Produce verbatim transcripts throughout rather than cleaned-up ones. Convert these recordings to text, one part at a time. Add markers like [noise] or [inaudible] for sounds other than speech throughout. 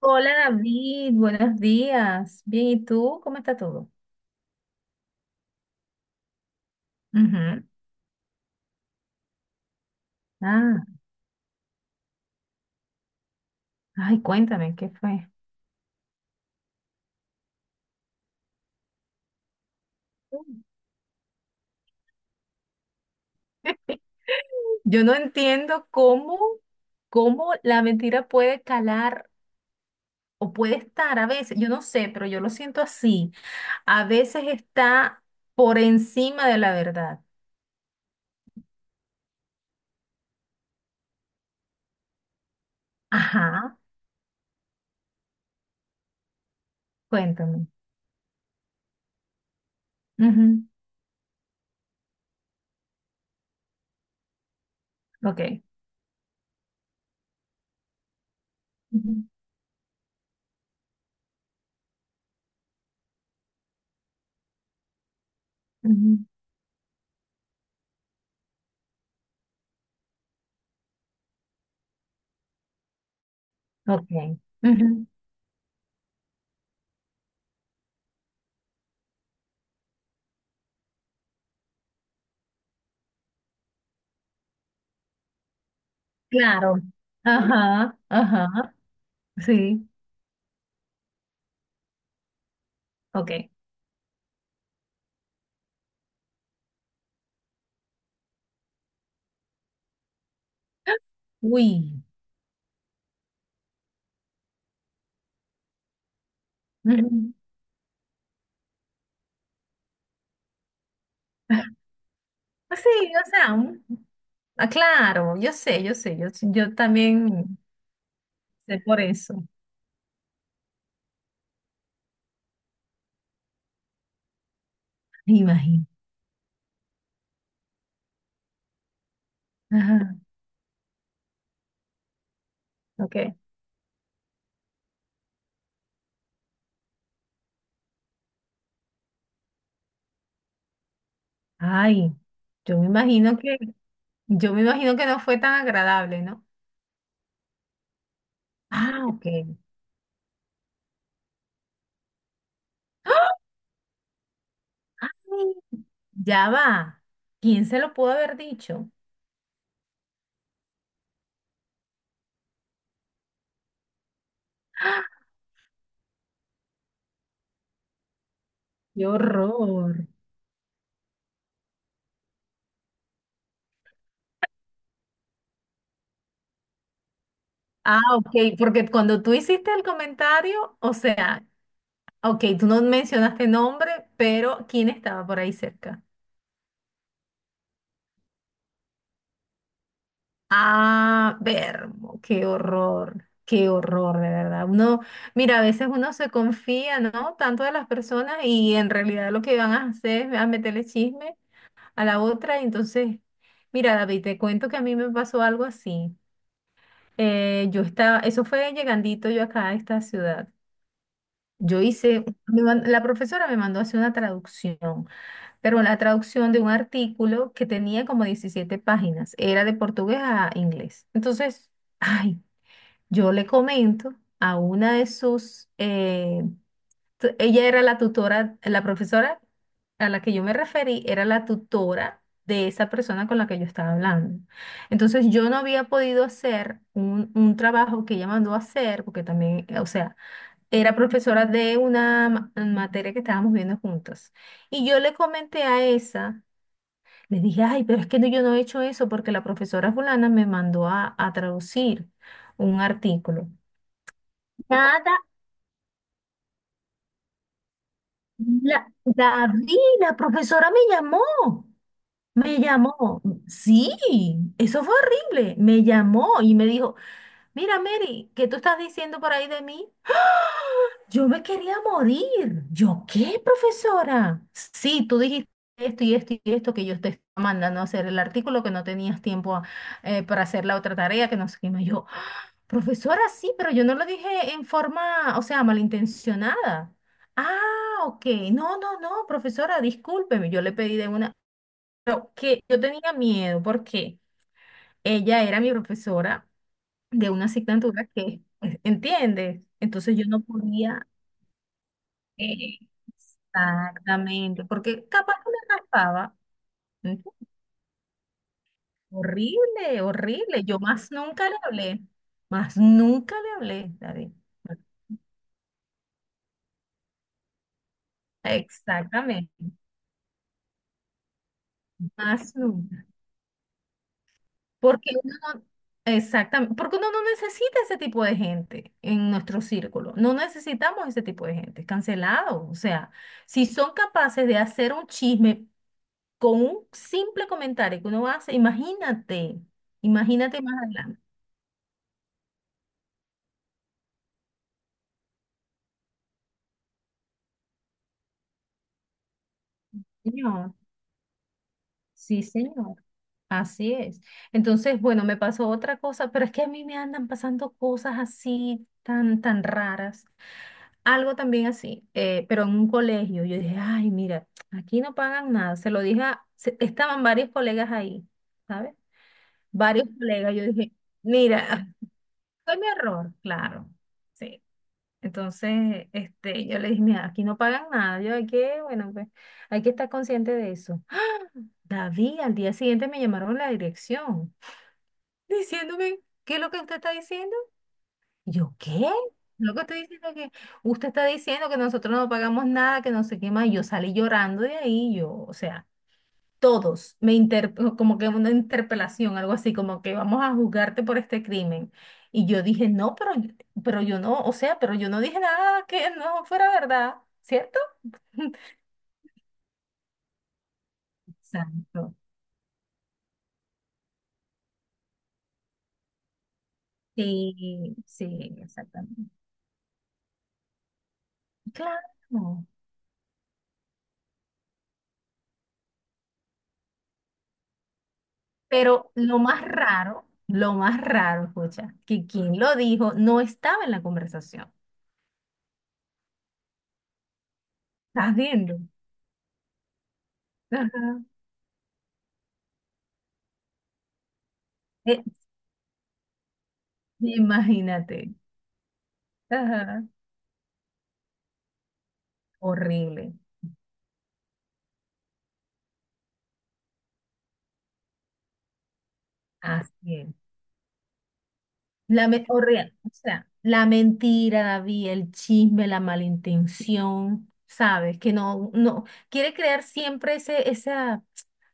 Hola David, buenos días. Bien, ¿y tú? ¿Cómo está todo? Ujú. Ah, ay, cuéntame, ¿qué fue? Yo no entiendo cómo, cómo la mentira puede calar o puede estar a veces, yo no sé, pero yo lo siento así. A veces está por encima de la verdad. Ajá, cuéntame. Ujú. Ok. Ujú, ujú. Ok. Ujú. Claro. Ajá, ajá. Sí, ok. Uy. Ujú. Pues sí, o sea, un- ah, claro, yo sé, yo sé, yo, yo también sé por eso. Me imagino. Ajá, ok. Ay, yo me imagino que, yo me imagino que no fue tan agradable, ¿no? Ah, ok. ¡Ay! Ya va. ¿Quién se lo pudo haber dicho? Qué horror. Ah, ok, porque cuando tú hiciste el comentario, o sea, ok, tú no mencionaste nombre, pero ¿quién estaba por ahí cerca? Ah, ver, qué horror, qué horror, de verdad. Uno, mira, a veces uno se confía, ¿no? Tanto de las personas y en realidad lo que van a hacer es a meterle chisme a la otra. Y entonces, mira, David, te cuento que a mí me pasó algo así. Eh, yo estaba, eso fue llegandito yo acá a esta ciudad. Yo hice, me man- la profesora me mandó a hacer una traducción, pero la traducción de un artículo que tenía como diecisiete páginas, era de portugués a inglés. Entonces... [laughs] Ay, yo le comento a una de sus, eh, tu- ella era la tutora, la profesora a la que yo me referí, era la tutora de esa persona con la que yo estaba hablando. Entonces yo no había podido hacer un, un trabajo que ella mandó a hacer, porque también, eh, o sea, era profesora de una ma- materia que estábamos viendo juntas. Y yo le comenté a esa, le dije, ay, pero es que no- yo no he hecho eso porque la profesora fulana me mandó a a traducir un artículo. Nada, la, David, la profesora me llamó, me llamó, sí, eso fue horrible, me llamó y me dijo, mira Mary, ¿qué tú estás diciendo por ahí de mí? Yo me quería morir, ¿yo qué, profesora? Sí, tú dijiste esto y esto y esto que yo te estaba mandando a hacer el artículo, que no tenías tiempo eh, para hacer la otra tarea, que no sé qué más yo. Profesora, sí, pero yo no lo dije en forma, o sea, malintencionada. Ah, ok. No, no, no, profesora, discúlpeme, yo le pedí de una, pero que yo tenía miedo porque ella era mi profesora de una asignatura que, eh, ¿entiendes? Entonces yo no podía, eh, exactamente, porque capaz que me raspaba. ¿Entiendes? Horrible, horrible. Yo más nunca le hablé, más nunca le hablé, David. Exactamente. Azul. Porque uno no, exactamente, porque uno no necesita ese tipo de gente en nuestro círculo. No necesitamos ese tipo de gente, cancelado. O sea, si son capaces de hacer un chisme con un simple comentario que uno hace, imagínate, imagínate más adelante. Señor, sí, señor. Así es. Entonces, bueno, me pasó otra cosa, pero es que a mí me andan pasando cosas así tan, tan raras. Algo también así, eh, pero en un colegio. Yo dije, ay, mira, aquí no pagan nada. Se lo dije a- se- estaban varios colegas ahí, ¿sabes? Varios colegas. Yo dije, mira, [laughs] fue mi error, claro. Sí. Entonces, este, yo le dije, mira, aquí no pagan nada. Yo hay que, bueno, pues, hay que estar consciente de eso. ¡Ah! David, al día siguiente me llamaron a la dirección diciéndome, ¿qué es lo que usted está diciendo? Yo, ¿qué? Lo que estoy diciendo que usted está diciendo que nosotros no pagamos nada, que no sé qué más. Y yo salí llorando de ahí, yo, o sea, todos me inter, no, como que una interpelación, algo así, como que vamos a juzgarte por este crimen. Y yo dije, no, pero, pero, yo no, o sea, pero yo no dije nada que no fuera verdad, ¿cierto? [laughs] Exacto. Sí, sí, exactamente. Claro. Pero lo más raro, lo más raro, escucha, que quien lo dijo no estaba en la conversación. ¿Estás viendo? Ajá. Eh, Imagínate. Ajá. Horrible. Así es. La me- horrible. O sea, la mentira, David, el chisme, la malintención, ¿sabes? Que no, no, quiere crear siempre ese, esa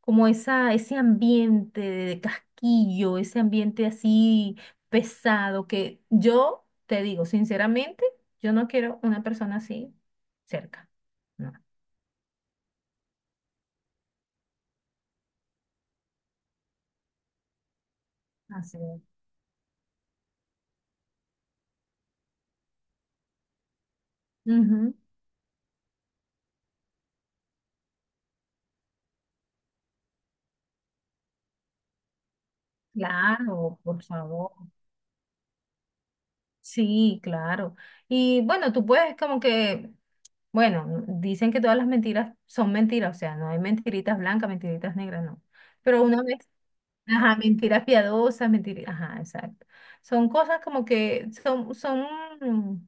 como esa, ese ambiente de casquillo, ese ambiente así pesado, que yo te digo, sinceramente, yo no quiero una persona así cerca. No. Así es. Ujú. Claro, por favor. Sí, claro. Y bueno, tú puedes como que, bueno, dicen que todas las mentiras son mentiras, o sea, no hay mentiritas blancas, mentiritas negras, no. Pero una vez ajá, mentiras piadosas, mentiras, ajá, exacto. Son cosas como que son, son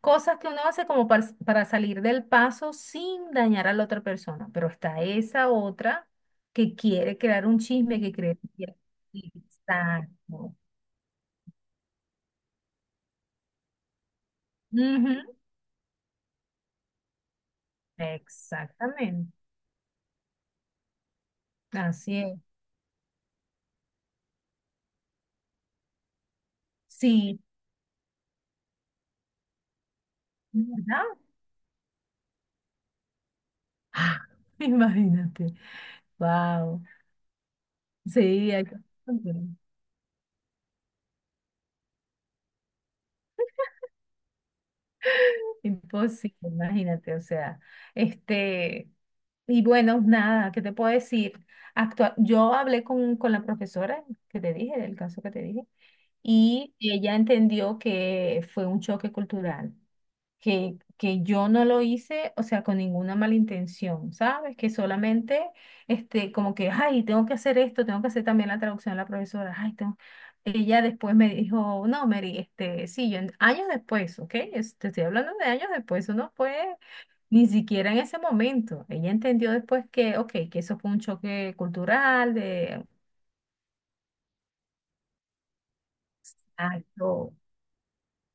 cosas que uno hace como par- para, salir del paso sin dañar a la otra persona, pero está esa otra que quiere crear un chisme, que cree que quiere- [laughs] Exacto. Ujú. Exactamente. Así es. Sí, ¿verdad? Ah, [laughs] imagínate. Wow. Sí, hay que... Imposible, imagínate, o sea, este, y bueno, nada, ¿qué te puedo decir? Actua- yo hablé con, con la profesora que te dije, del caso que te dije, y ella entendió que fue un choque cultural que, que yo no lo hice, o sea, con ninguna mala intención, ¿sabes? Que solamente, este, como que, ay, tengo que hacer esto, tengo que hacer también la traducción a la profesora, ay, tengo... Ella después me dijo, no, Mary, este, sí, yo en- años después, ¿ok? Es- Te estoy hablando de años después, eso no fue ni siquiera en ese momento. Ella entendió después que, ok, que eso fue un choque cultural, de... acto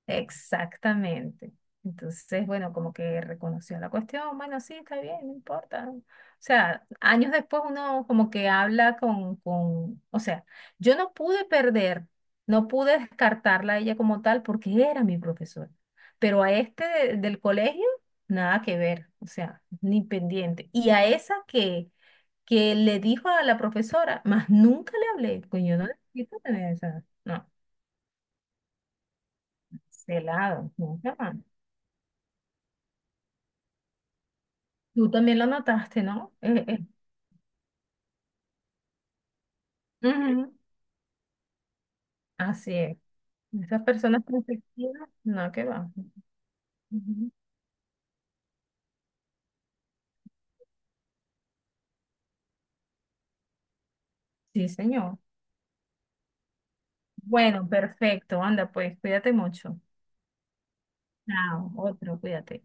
Exactamente. Entonces, bueno, como que reconoció la cuestión, bueno, sí, está bien, no importa. O sea, años después uno como que habla con, con, o sea, yo no pude perder, no pude descartarla a ella como tal porque era mi profesora, pero a este de- del colegio, nada que ver, o sea, ni pendiente. Y a esa que, que le dijo a la profesora, más nunca le hablé, pues yo no necesito tener esa, no, celado, nunca más. Tú también lo notaste, ¿no? Eh, eh, Ujú. Así es. Esas personas conflictivas, no, que va. Ujú. Sí, señor. Bueno, perfecto. Anda, pues, cuídate mucho. Chao, otro, cuídate.